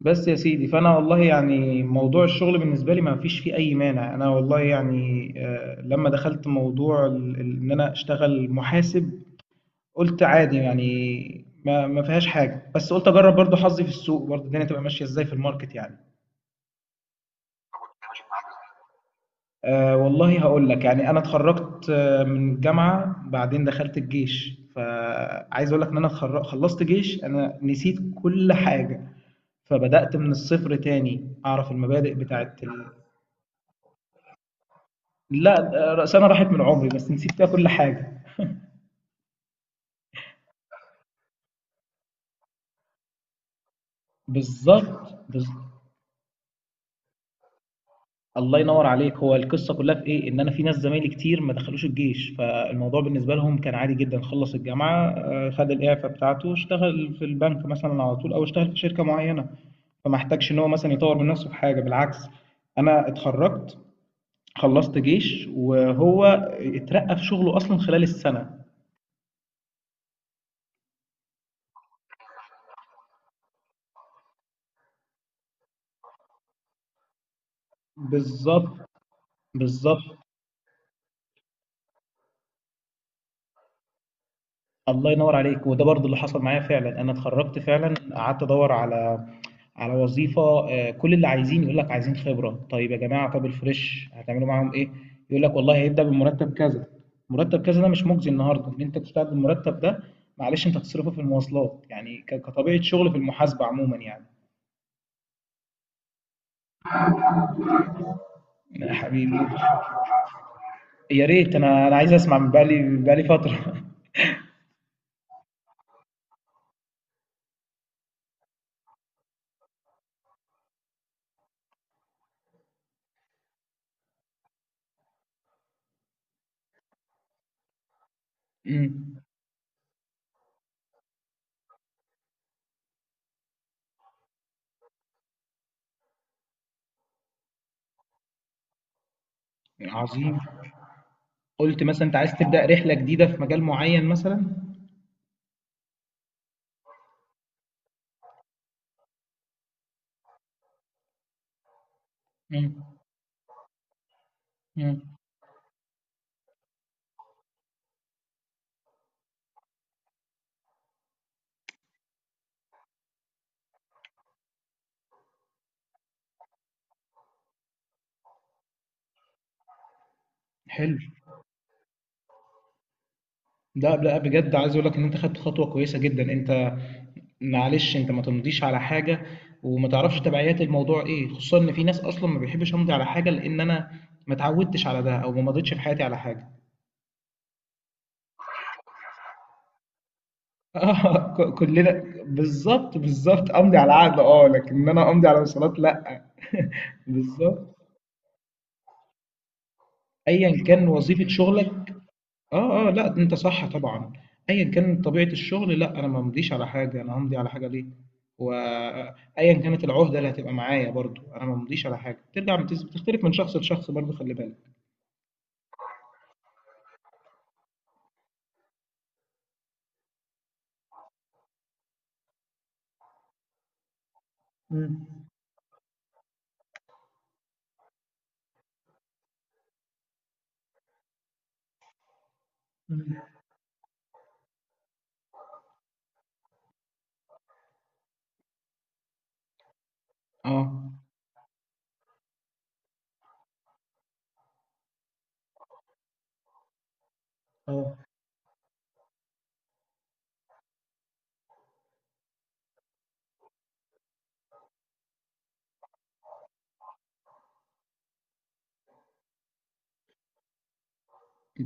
بس يا سيدي فانا والله يعني موضوع الشغل بالنسبه لي ما فيش فيه اي مانع. انا والله يعني لما دخلت موضوع ان انا اشتغل محاسب. قلت عادي يعني ما فيهاش حاجه، بس قلت اجرب برضو حظي في السوق، برضو الدنيا تبقى ماشيه ازاي في الماركت يعني. أه والله هقول لك، يعني انا اتخرجت من الجامعه، بعدين دخلت الجيش، فعايز اقول لك ان انا خلصت جيش، انا نسيت كل حاجه. فبدأت من الصفر تاني أعرف المبادئ بتاعت. لأ، ده رقصانة راحت من عمري، بس نسيت فيها كل حاجة. بالضبط. الله ينوّر عليك، هو القصة كلّها في إيه، إن أنا في ناس زمايلي كتير ما دخلوش الجيش، فالموضوع بالنسبة لهم كان عادي جدًا، خلّص الجامعة، خد الإعفا بتاعته، اشتغل في البنك مثلًا على طول أو اشتغل في شركة معيّنة، فما احتاجش إن هو مثلًا يطوّر من نفسه في حاجة، بالعكس. أنا اتخرّجت، خلّصت جيش، وهو اترقّى في شغله أصلًا خلال السنة. بالضبط، بالضبط. الله ينور عليك، وده برضه اللي حصل معايا فعلًا، أنا اتخرّجت فعلًا، قعدت أدوّر على وظيفة. كل اللي عايزين يقول لك عايزين خبرة، طيب يا جماعة، طَب الfresh هتعملوا معاهم إيه؟ يقول لك والله هيبدأ بمرتّب كذا، مرتّب كذا ده مش مُجزي النهارده، إن أنت تشتغل بالمرتّب ده. معلش أنت هتصرفه في المواصلات، يعني كطبيعة شُغل في المحاسبة عمومًا يعني. يا حبيبي، يا ريت، أنا عايز أسمع من بقى لي فترة. إمم. عظيم. قُلت مثلًا أنت عايز تبدأ رحلة جديدة في مجال معيّن مثلًا؟ إمم. إمم. حلو. لأ، لأ، بجد عايز أقول لك إن أنت خدت خطوة كويسة جدًا، أنت معلش أنت ما تمضيش على حاجة وما تعرفش تبعيات الموضوع إيه، خصوصًا إن في ناس أصلًا ما بيحبش أمضي على حاجة لإن أنا ما اتعودتش على ده أو ما مضيتش في حياتي على حاجة. آه، كلنا بالضبط، بالضبط، أمضي على عقد، لكن إن أنا أمضي على وصيّات لأ. بالضبط. أيًا كان وظيفة شغلك. اه، اه، لا، انت صح طبعا. ايا كان طبيعة الشغل، لا، انا ما ممضيش على حاجة. انا همضي على حاجة ليه؟ وايا كانت العهدة اللي هتبقى معايا برضو، انا ما ممضيش على حاجة ترجع بتختلف من شخص لشخص، برضو خلي بالك. مم. مم. اه، اه.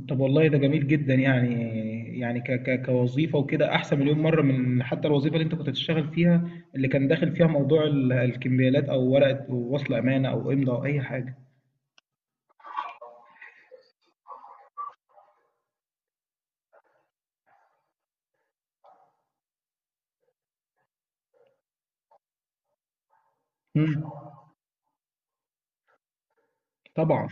طب والله ده جميل جدا يعني، يعني ك ك كوظيفة وكده احسن مليون مرة من حتى الوظيفة اللي انت كنت بتشتغل فيها، اللي كان داخل فيها موضوع الكمبيالات او ورقة وصل امانة او امضاء او اي حاجة. مم. طبعا.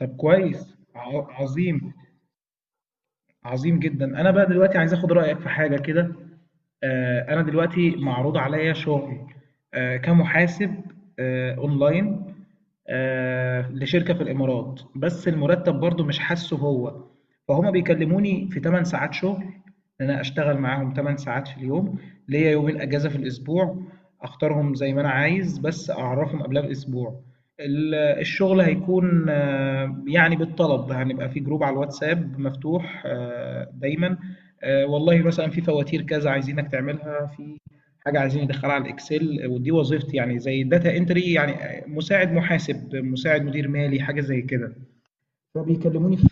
طب كويس، عظيم. عظيم جدا. انا بقى دلوقتي عايز اخد رايك في حاجه كده. انا دلوقتي معروض عليا شغل كمحاسب، اونلاين، لشركه في الامارات، بس المرتب برضو مش حاسه هو. فهما بيكلموني في 8 ساعات شغل، ان انا اشتغل معاهم 8 ساعات في اليوم، ليا يومين اجازه في الاسبوع، اختارهم زي ما انا عايز، بس اعرفهم قبلها باسبوع. الشغل هيكون يعني بالطلب، هنبقى في جروب على الواتساب مفتوح دايما. والله مثلا في فواتير كذا عايزينك تعملها، في حاجة عايزين ندخلها على الاكسل. ودي وظيفتي يعني، زي داتا انتري يعني، مساعد محاسب، مساعد مدير مالي، حاجة زي كده. فبيكلموني في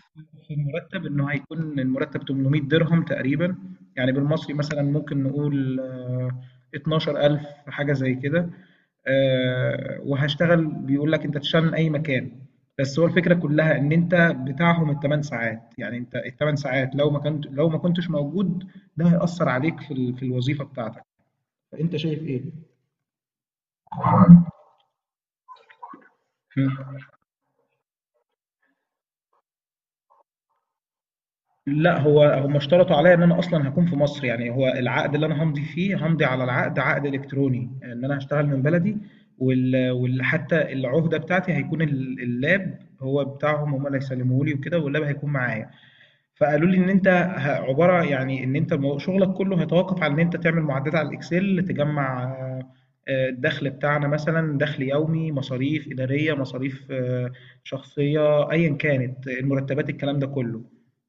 المرتب، انه هيكون المرتب 800 درهم تقريبا، يعني بالمصري مثلا ممكن نقول 12,000، حاجه زي كده. وهشتغل، بيقول لك انت تشتغل من اي مكان. بس هو الفكره كلها ان انت بتاعهم الثمان ساعات، يعني انت الثمان ساعات لو ما كنتش موجود، ده هيأثر عليك في الوظيفه بتاعتك. فانت شايف ايه؟ لا، هو هم اشترطوا عليا ان انا اصلا هكون في مصر. يعني هو العقد اللي انا همضي على العقد، عقد الكتروني، ان انا هشتغل من بلدي. حتى العهده بتاعتي هيكون اللاب هو بتاعهم، هم اللي هيسلموه لي وكده، واللاب هيكون معايا. فقالوا لي ان انت عباره، يعني ان انت شغلك كله هيتوقف على ان انت تعمل معدات على الاكسل، تجمع الدخل بتاعنا مثلا، دخل يومي، مصاريف اداريه، مصاريف شخصيه، ايا كانت، المرتبات، الكلام ده كله.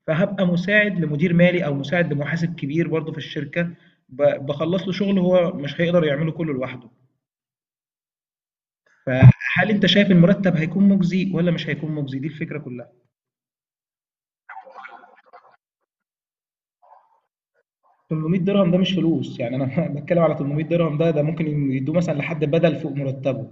فهبقى مساعد لمدير مالي، او مساعد لمحاسب كبير برضه في الشركه، بخلص له شغل هو مش هيقدر يعمله كله لوحده. فهل انت شايف المرتب هيكون مجزي ولا مش هيكون مجزي؟ دي الفكره كلها. 800 درهم ده مش فلوس يعني، انا بتكلم على 800 درهم، ده ممكن يدوه مثلا لحد بدل فوق مرتبه.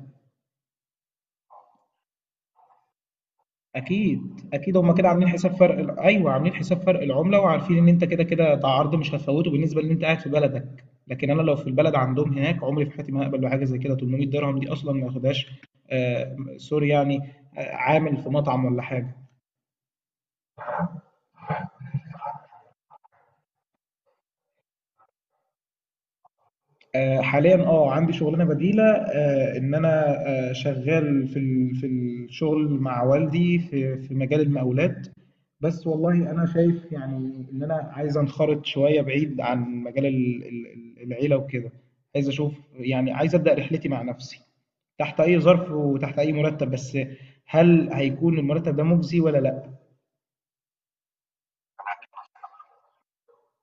اكيد، اكيد. هم كده عاملين حساب فرق ايوه، عاملين حساب فرق العمله، وعارفين ان انت كده كده ده عرض مش هتفوته بالنسبه ان انت قاعد في بلدك. لكن انا لو في البلد عندهم هناك، عمري في حياتي ما هقبل بحاجه زي كده. 800 درهم دي اصلا ما ياخدهاش آه، سوري يعني، آه عامل في مطعم ولا حاجه. حاليا اه عندي شغلانه بديله، ان انا شغال في الشغل مع والدي، في مجال المقاولات. بس والله انا شايف يعني ان انا عايز انخرط شويه بعيد عن مجال العيله وكده. عايز اشوف يعني، عايز ابدا رحلتي مع نفسي، تحت اي ظرف وتحت اي مرتب، بس هل هيكون المرتب ده مجزي ولا لا؟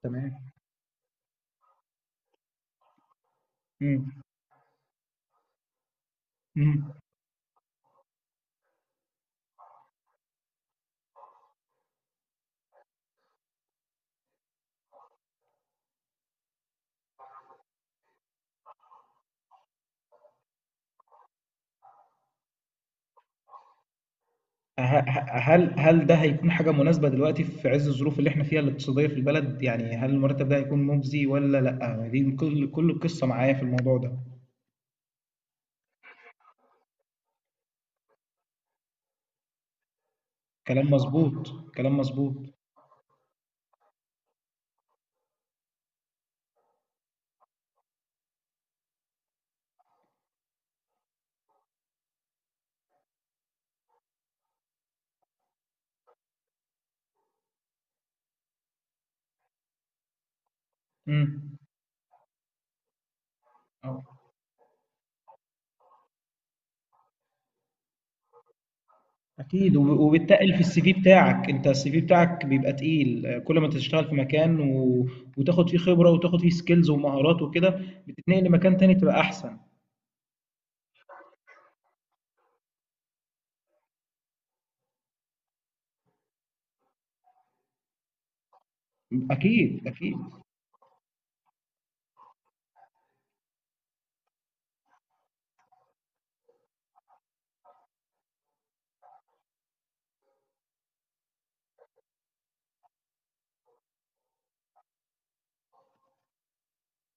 تمام. مم. مم. هل ده هيكون حاجة مناسبة دلوقتي في عز الظروف اللي احنا فيها الاقتصادية في البلد؟ يعني هل المرتب ده هيكون مجزي ولا لأ؟ دي كل القصة معايا في الموضوع ده. كلام مظبوط، كلام مظبوط. امم. اكيد. وبتتقل في السي في بتاعك. انت السي في بتاعك بيبقى تقيل، كل ما انت تشتغل في مكان وتاخد فيه خبرة وتاخد فيه سكيلز ومهارات وكده، بتتنقل لمكان تاني تبقى احسن. اكيد، اكيد،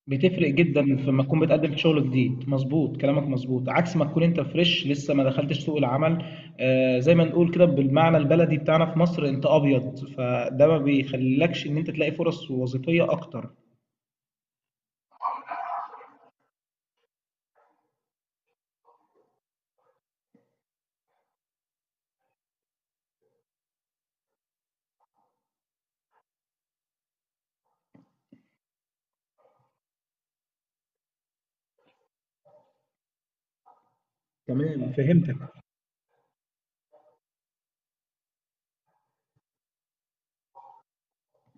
بتفرق جدا في لما تكون بتقدم في شغل جديد. مظبوط كلامك مظبوط، عكس ما تكون انت فريش لسه ما دخلتش سوق العمل. آه، زي ما نقول كده بالمعنى البلدي بتاعنا في مصر انت ابيض، فده ما بيخليلكش ان انت تلاقي فرص وظيفية اكتر. تمام، فهمتك.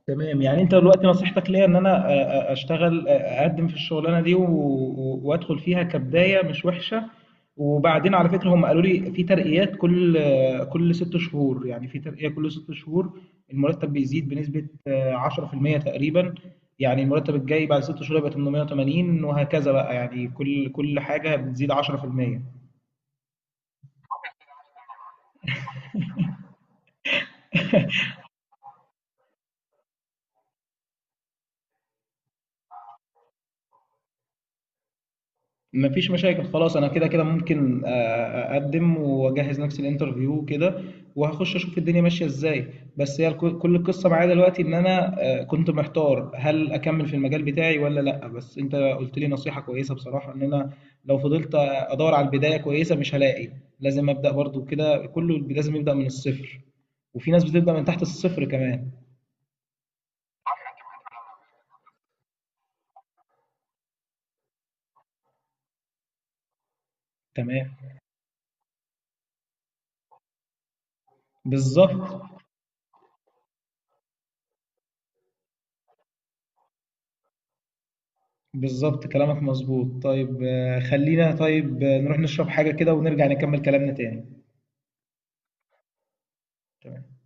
تمام. يعني انت دلوقتي نصيحتك ليا ان انا اقدم في الشغلانه دي وادخل فيها كبدايه مش وحشه. وبعدين على فكره هم قالوا لي في ترقيات كل ست شهور، يعني في ترقيه كل ست شهور، المرتب بيزيد بنسبه 10% تقريبا. يعني المرتب الجاي بعد ست شهور يبقى 880 وهكذا بقى، يعني كل حاجه بتزيد 10%. مفيش مشاكل خلاص، انا كده كده ممكن اقدم واجهز نفسي الانترفيو كده، وهخش اشوف الدنيا ماشيه ازاي. بس هي كل القصه معايا دلوقتي ان انا كنت محتار هل اكمل في المجال بتاعي ولا لا. بس انت قلت لي نصيحه كويسه بصراحه، ان انا لو فضلت ادور على البدايه كويسه مش هلاقي. لازم ابدا برضو، كده كله لازم يبدا من الصفر، وفي ناس بتبدا من تحت الصفر كمان. تمام. بالظبط. بالظبط كلامك مظبوط. طيب خلينا، طيب نروح نشرب حاجة كده، ونرجع نكمل كلامنا تاني. تمام